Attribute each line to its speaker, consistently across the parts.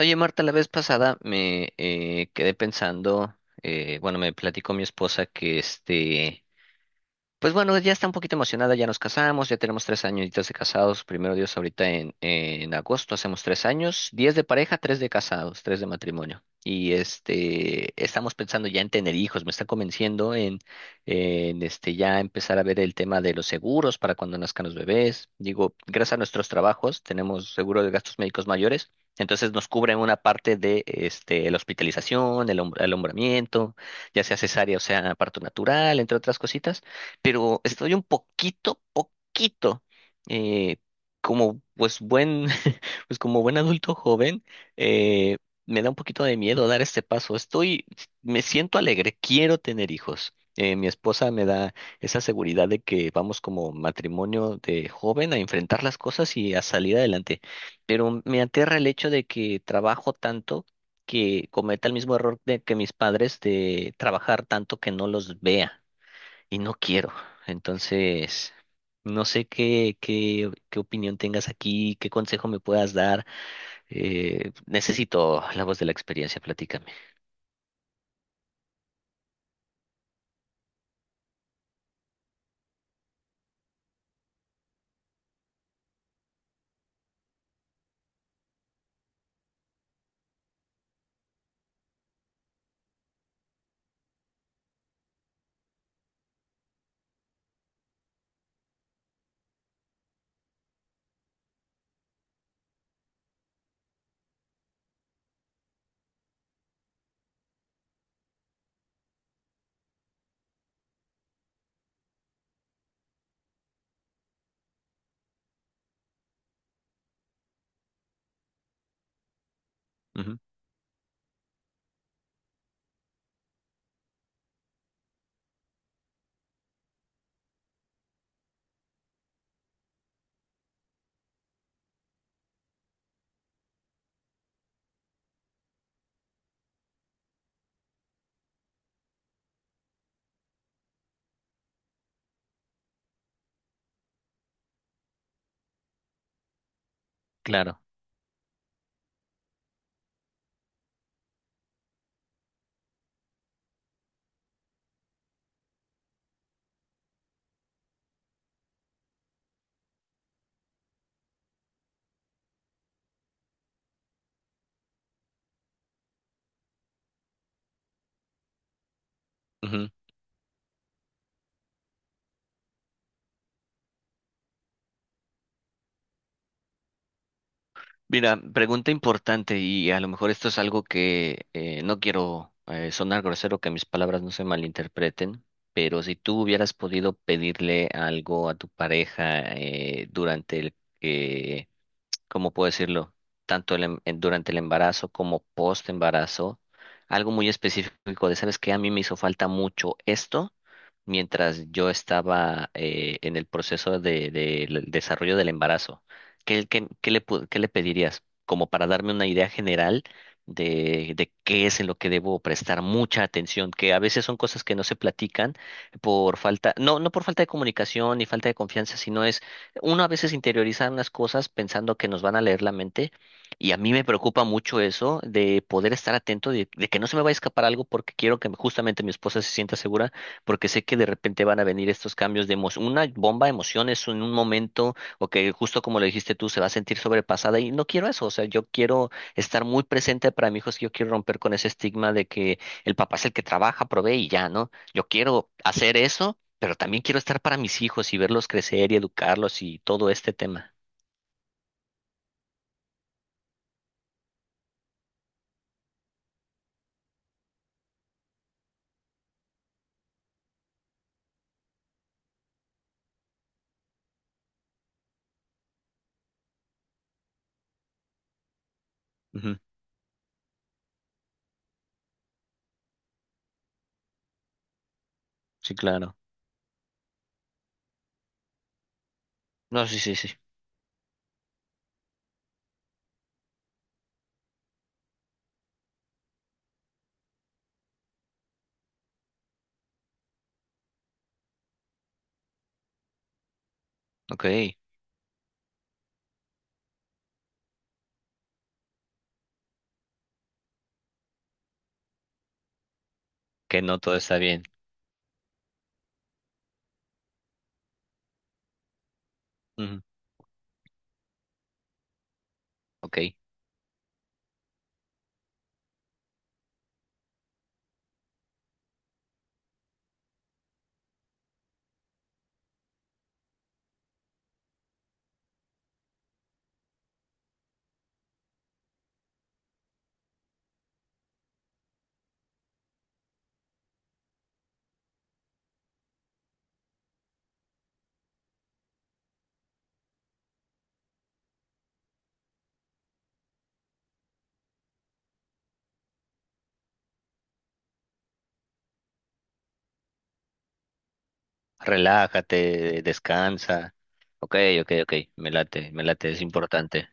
Speaker 1: Oye, Marta, la vez pasada me quedé pensando, bueno, me platicó mi esposa que pues bueno, ya está un poquito emocionada, ya nos casamos, ya tenemos 3 añitos de casados, primero Dios, ahorita en agosto hacemos 3 años, 10 de pareja, 3 de casados, 3 de matrimonio. Estamos pensando ya en tener hijos, me está convenciendo en ya empezar a ver el tema de los seguros para cuando nazcan los bebés. Digo, gracias a nuestros trabajos tenemos seguro de gastos médicos mayores, entonces nos cubren una parte de la hospitalización, el alumbramiento, ya sea cesárea o sea parto natural, entre otras cositas, pero estoy un poquito, eh, como pues buen, pues como buen adulto joven, eh, me da un poquito de miedo dar este paso. Me siento alegre, quiero tener hijos. Mi esposa me da esa seguridad de que vamos como matrimonio de joven a enfrentar las cosas y a salir adelante. Pero me aterra el hecho de que trabajo tanto que cometa el mismo error de que mis padres de trabajar tanto que no los vea y no quiero. Entonces, no sé qué opinión tengas aquí, qué consejo me puedas dar. Necesito la voz de la experiencia, platícame. Ujú, claro. Ujú. Mira, pregunta importante y a lo mejor esto es algo que no quiero sonar grosero, que mis palabras no se malinterpreten. Pero si tú hubieras podido pedirle algo a tu pareja durante el, ¿cómo puedo decirlo? Tanto durante el embarazo como post embarazo, algo muy específico de, ¿sabes qué? A mí me hizo falta mucho esto mientras yo estaba en el proceso del desarrollo del embarazo. ¿Qué, qué le pedirías? Como para darme una idea general de qué es en lo que debo prestar mucha atención, que a veces son cosas que no se platican por falta, no por falta de comunicación ni falta de confianza, sino es uno a veces interioriza unas cosas pensando que nos van a leer la mente, y a mí me preocupa mucho eso de poder estar atento, de que no se me vaya a escapar algo porque quiero que justamente mi esposa se sienta segura, porque sé que de repente van a venir estos cambios de emoción, una bomba de emociones en un momento o que justo como lo dijiste tú se va a sentir sobrepasada y no quiero eso, o sea, yo quiero estar muy presente para mi hijo, es que yo quiero romper con ese estigma de que el papá es el que trabaja, provee y ya, ¿no? Yo quiero hacer eso, pero también quiero estar para mis hijos y verlos crecer y educarlos y todo este tema. Ujú. Sí, claro. No, sí, sí, sí. Ok, que no todo está bien. Ujú. Ok, relájate, descansa. Ok, ok, ok, me late, es importante.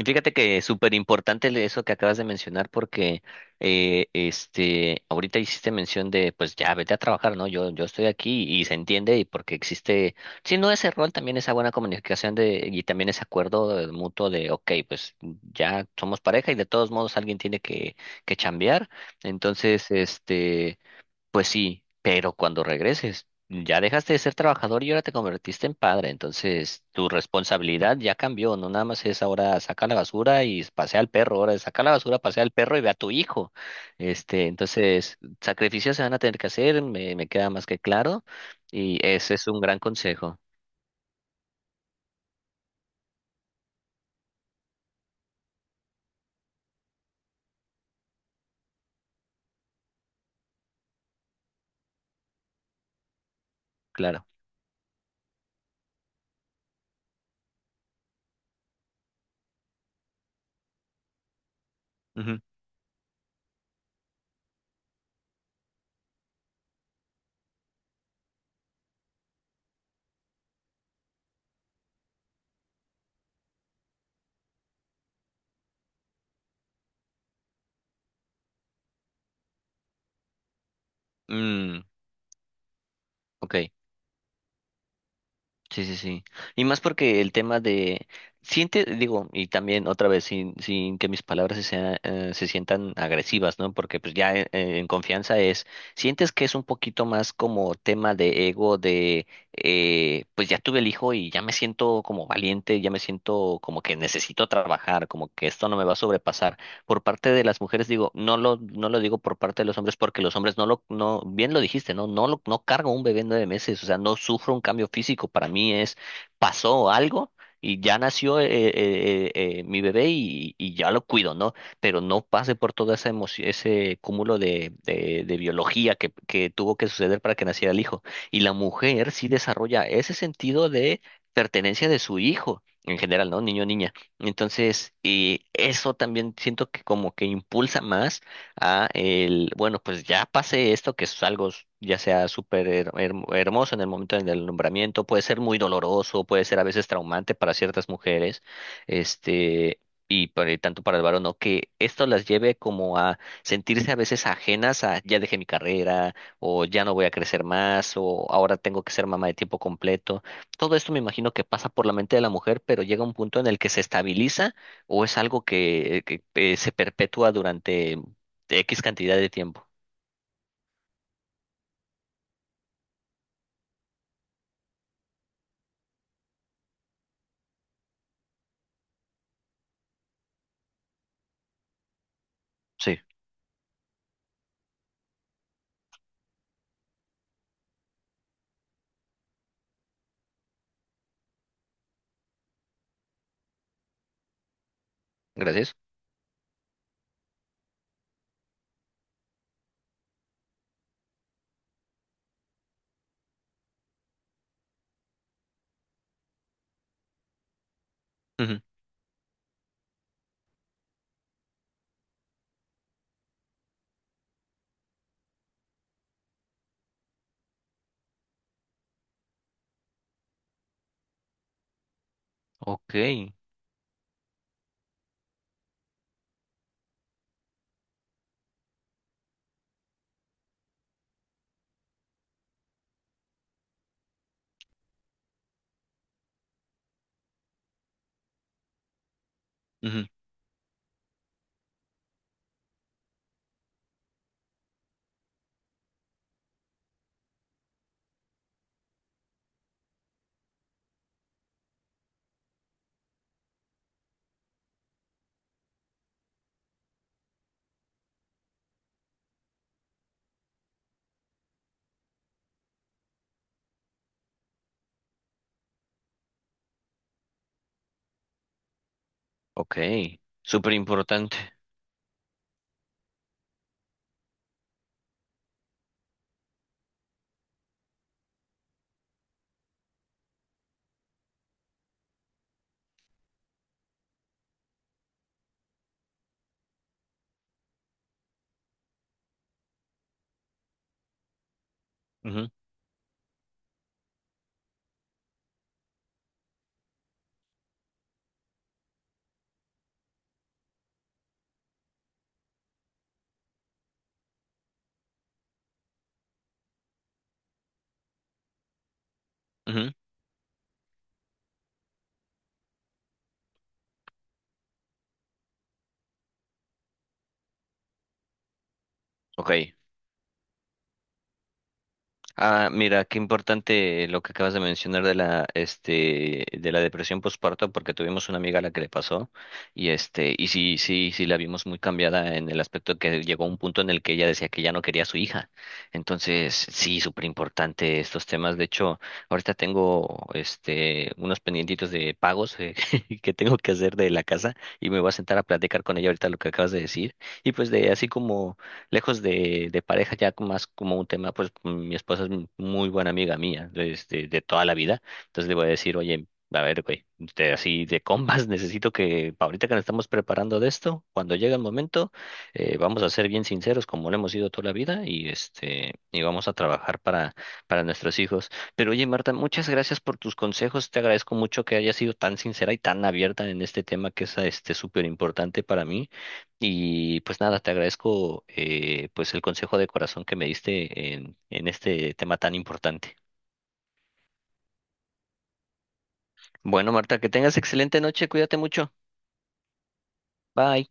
Speaker 1: Y fíjate que es súper importante eso que acabas de mencionar, porque ahorita hiciste mención de pues ya vete a trabajar, ¿no? Yo estoy aquí y se entiende y porque existe, si no ese rol, también esa buena comunicación de, y también ese acuerdo mutuo de ok, pues ya somos pareja y de todos modos alguien tiene que chambear. Entonces, pues sí, pero cuando regreses, ya dejaste de ser trabajador y ahora te convertiste en padre, entonces tu responsabilidad ya cambió, no nada más es ahora saca la basura y pasea al perro, ahora es saca la basura, pasea al perro y ve a tu hijo. Entonces, sacrificios se van a tener que hacer, me queda más que claro, y ese es un gran consejo, claro. Ujú. Mm, ok. Sí, sí, sí. Y más porque el tema de siente, digo, y también otra vez sin que mis palabras se sientan agresivas, ¿no? Porque pues ya en confianza es sientes que es un poquito más como tema de ego de pues ya tuve el hijo y ya me siento como valiente, ya me siento como que necesito trabajar, como que esto no me va a sobrepasar por parte de las mujeres, digo, no lo digo por parte de los hombres porque los hombres no lo, no, bien lo dijiste, ¿no? No cargo un bebé en 9 meses, o sea, no sufro un cambio físico, para mí es, pasó algo y ya nació mi bebé y ya lo cuido, ¿no? Pero no pase por toda esa emoción, ese cúmulo de biología que tuvo que suceder para que naciera el hijo. Y la mujer sí desarrolla ese sentido de pertenencia de su hijo en general, ¿no? Niño, niña. Entonces, y eso también siento que como que impulsa más a el, bueno, pues ya pase esto, que es algo ya sea súper hermoso en el momento del nombramiento, puede ser muy doloroso, puede ser a veces traumante para ciertas mujeres, este, y por el tanto para el varón, o que esto las lleve como a sentirse a veces ajenas a ya dejé mi carrera, o ya no voy a crecer más, o ahora tengo que ser mamá de tiempo completo. Todo esto me imagino que pasa por la mente de la mujer, pero llega un punto en el que se estabiliza o es algo que se perpetúa durante X cantidad de tiempo. Sí, gracias. Ujú. Ok, ujú, ok, súper importante. Ujú, ujú, Ok, ah, mira, qué importante lo que acabas de mencionar de la, de la depresión postparto, porque tuvimos una amiga a la que le pasó, y sí, sí, sí la vimos muy cambiada en el aspecto que llegó a un punto en el que ella decía que ya no quería a su hija. Entonces, sí, súper importante estos temas. De hecho, ahorita tengo, unos pendientitos de pagos que tengo que hacer de la casa, y me voy a sentar a platicar con ella ahorita lo que acabas de decir, y pues de así como lejos de pareja, ya con más como un tema, pues mi esposa es muy buena amiga mía desde de toda la vida, entonces le voy a decir, oye, a ver, güey, así de combas, necesito que pa' ahorita que nos estamos preparando de esto, cuando llegue el momento, vamos a ser bien sinceros, como lo hemos sido toda la vida, y vamos a trabajar para nuestros hijos. Pero oye, Marta, muchas gracias por tus consejos. Te agradezco mucho que hayas sido tan sincera y tan abierta en este tema que es súper importante para mí. Y pues nada, te agradezco pues el consejo de corazón que me diste en este tema tan importante. Bueno, Marta, que tengas excelente noche, cuídate mucho. Bye.